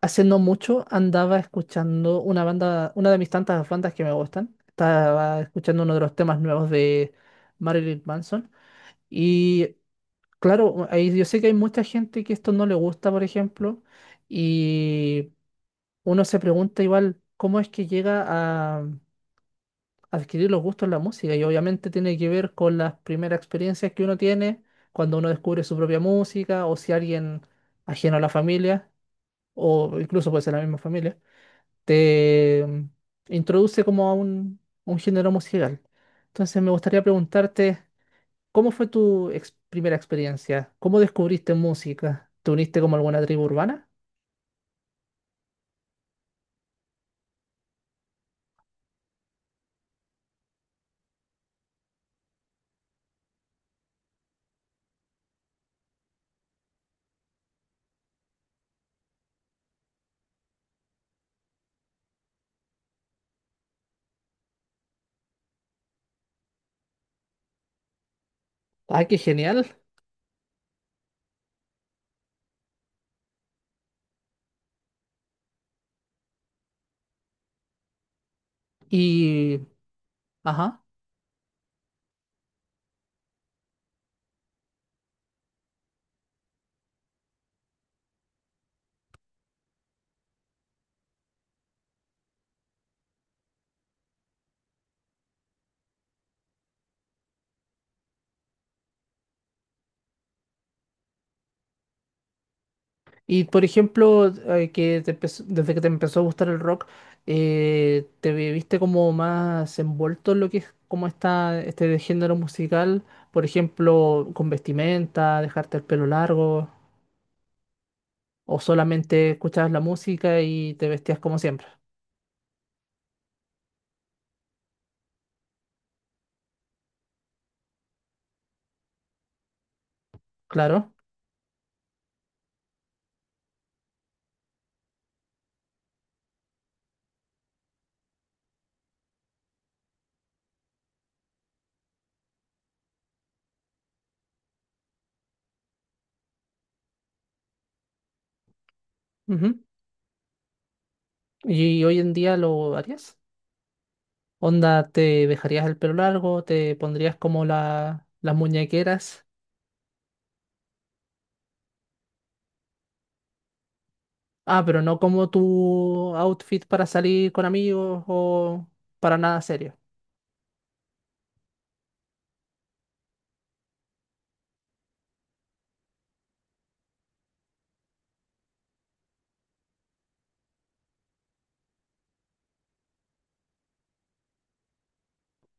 Hace no mucho andaba escuchando una banda, una de mis tantas bandas que me gustan. Estaba escuchando uno de los temas nuevos de Marilyn Manson. Y claro, ahí yo sé que hay mucha gente que esto no le gusta, por ejemplo. Y uno se pregunta igual cómo es que llega a adquirir los gustos en la música. Y obviamente tiene que ver con las primeras experiencias que uno tiene cuando uno descubre su propia música o si alguien ajeno a la familia o incluso puede ser la misma familia te introduce como a un género musical. Entonces me gustaría preguntarte, ¿cómo fue tu primera experiencia? ¿Cómo descubriste música? ¿Te uniste como a alguna tribu urbana? ¡Ay, qué genial! Y, ajá. Y por ejemplo, que desde que te empezó a gustar el rock, viste como más envuelto en lo que es como está este género musical? Por ejemplo, con vestimenta, dejarte el pelo largo, o solamente escuchabas la música y te vestías como siempre. Claro. Ujú. ¿Y hoy en día lo harías? Onda, ¿te dejarías el pelo largo? ¿Te pondrías como las muñequeras? Ah, pero no como tu outfit para salir con amigos o para nada serio.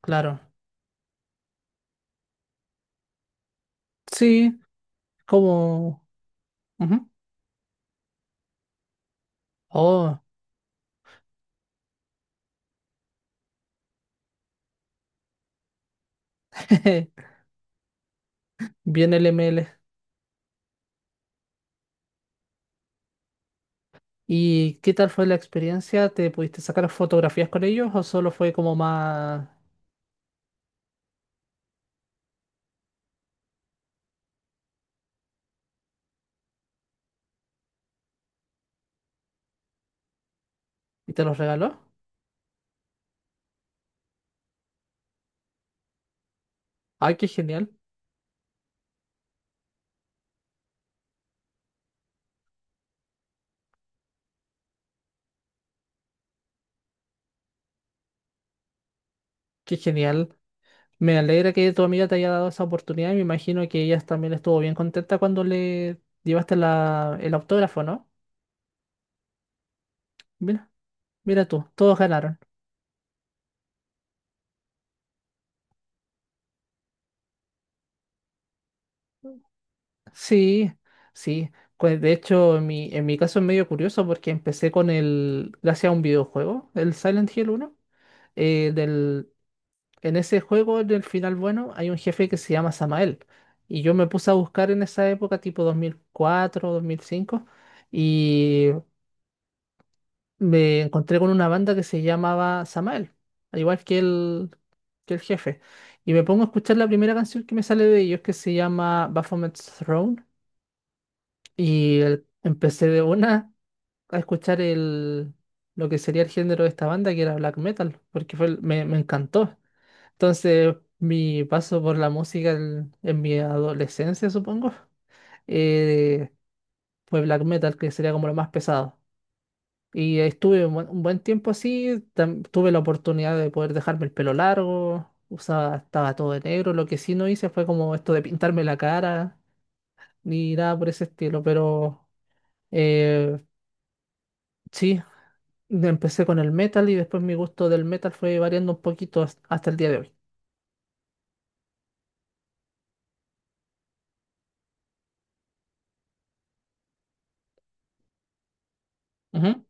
Claro. Sí, como. Ujú. Oh, bien LML. ¿Y qué tal fue la experiencia? ¿Te pudiste sacar fotografías con ellos o solo fue como más, y te los regaló? Ay, qué genial, qué genial. Me alegra que tu amiga te haya dado esa oportunidad y me imagino que ella también estuvo bien contenta cuando le llevaste el autógrafo, ¿no? Mira, mira tú, todos ganaron. Sí, sí. Pues de hecho, en mi caso es medio curioso porque empecé con gracias a un videojuego, el Silent Hill 1. eh, del, en ese juego, del final bueno, hay un jefe que se llama Samael. Y yo me puse a buscar en esa época, tipo dos mil cuatro, 2005. Y me encontré con una banda que se llamaba Samael, al igual que el jefe. Y me pongo a escuchar la primera canción que me sale de ellos, que se llama Baphomet's Throne. Y empecé de una a escuchar lo que sería el género de esta banda, que era black metal, porque me encantó. Entonces, mi paso por la música en mi adolescencia, supongo, eh, fue black metal, que sería como lo más pesado. Y estuve un buen tiempo así, tuve la oportunidad de poder dejarme el pelo largo, usaba, estaba todo de negro, lo que sí no hice fue como esto de pintarme la cara, ni nada por ese estilo, pero eh, sí, empecé con el metal y después mi gusto del metal fue variando un poquito hasta el día de hoy. Ujú.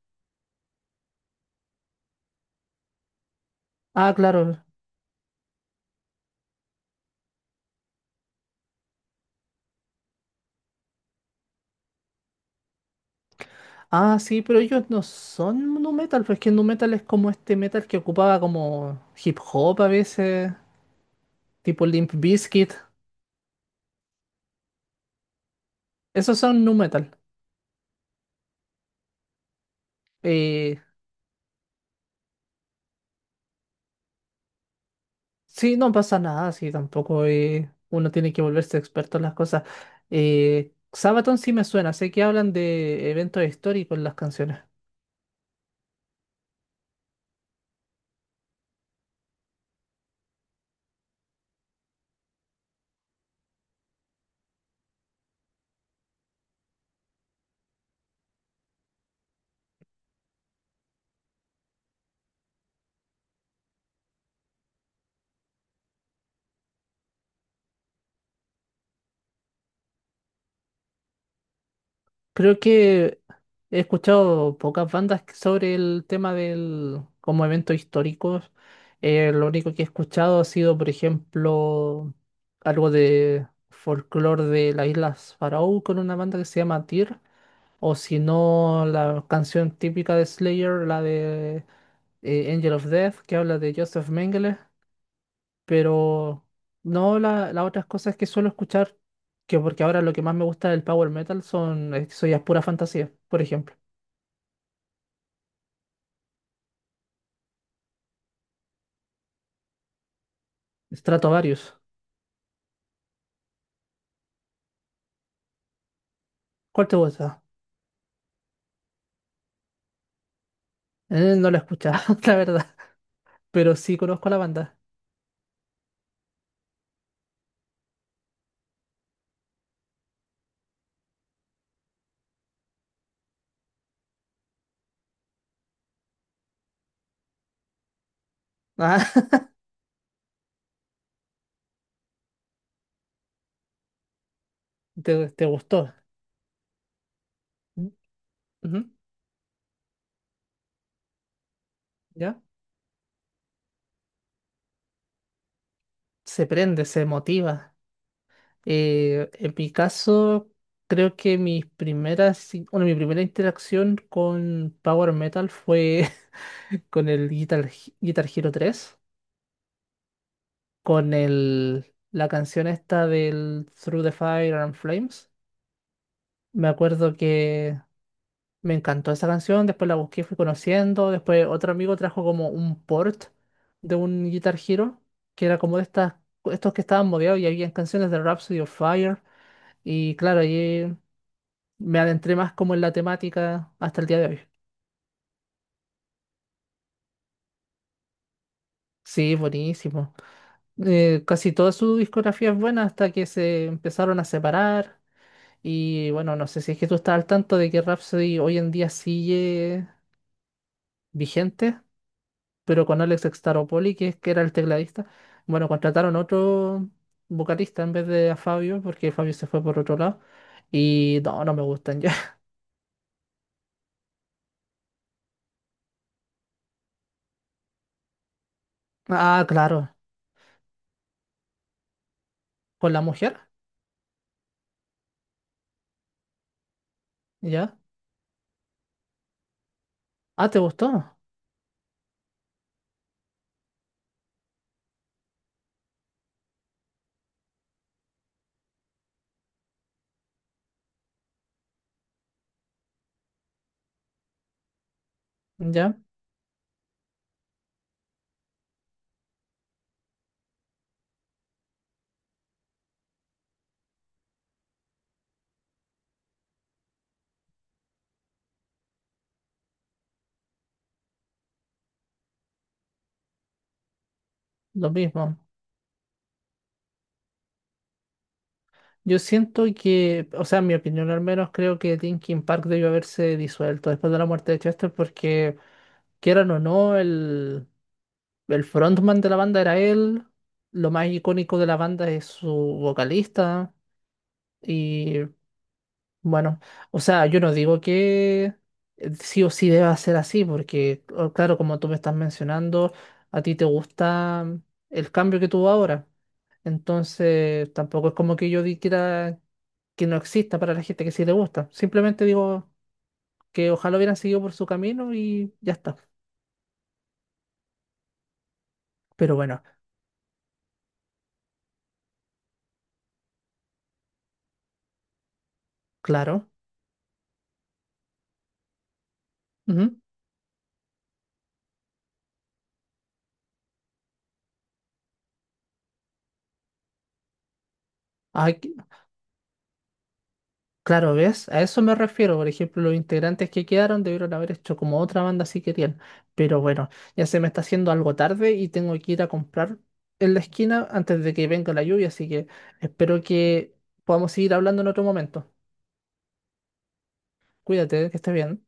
Ah, claro. Ah, sí, pero ellos no son nu metal, pues que nu metal es como este metal que ocupaba como hip hop a veces, tipo Limp Bizkit. Esos son nu metal. Eh, Sí, no pasa nada, sí, tampoco uno tiene que volverse experto en las cosas. Sabaton sí me suena, sé que hablan de eventos históricos en las canciones. Creo que he escuchado pocas bandas sobre el tema del como eventos históricos. Lo único que he escuchado ha sido, por ejemplo, algo de folclore de las Islas Faroe con una banda que se llama Tyr, o si no, la canción típica de Slayer, la de Angel of Death, que habla de Joseph Mengele, pero no las otras cosas que suelo escuchar, que porque ahora lo que más me gusta del power metal son, eso ya es pura fantasía, por ejemplo. Stratovarius. ¿Cuál te gusta? No la he escuchado, la verdad, pero sí conozco a la banda. Ah, te gustó. Mm, ujú, ¿ya? Se prende, se motiva. En mi caso, creo que bueno, mi primera interacción con Power Metal fue con el Guitar Hero 3, con la canción esta del Through the Fire and Flames. Me acuerdo que me encantó esa canción, después la busqué, fui conociendo, después otro amigo trajo como un port de un Guitar Hero, que era como de estos que estaban modeados y había canciones de Rhapsody of Fire, y claro, ahí me adentré más como en la temática hasta el día de hoy. Sí, buenísimo casi toda su discografía es buena hasta que se empezaron a separar. Y bueno, no sé si es que tú estás al tanto de que Rhapsody hoy en día sigue vigente, pero con Alex Staropoli, que era el tecladista, bueno, contrataron otro vocalista en vez de a Fabio, porque Fabio se fue por otro lado. Y no, no me gustan ya. Ah, claro, con la mujer, ya. Ah, ¿te gustó? Ya, lo mismo. Yo siento que, o sea, en mi opinión al menos, creo que Linkin Park debió haberse disuelto después de la muerte de Chester, porque quieran o no, el frontman de la banda era él. Lo más icónico de la banda es su vocalista. Y bueno, o sea, yo no digo que sí o sí deba ser así, porque claro, como tú me estás mencionando, a ti te gusta el cambio que tuvo ahora. Entonces, tampoco es como que yo dijera que no exista para la gente que sí le gusta. Simplemente digo que ojalá hubieran seguido por su camino y ya está. Pero bueno, claro. Ujú. Ay, claro, ¿ves? A eso me refiero. Por ejemplo, los integrantes que quedaron debieron haber hecho como otra banda si querían. Pero bueno, ya se me está haciendo algo tarde y tengo que ir a comprar en la esquina antes de que venga la lluvia, así que espero que podamos seguir hablando en otro momento. Cuídate, que estés bien.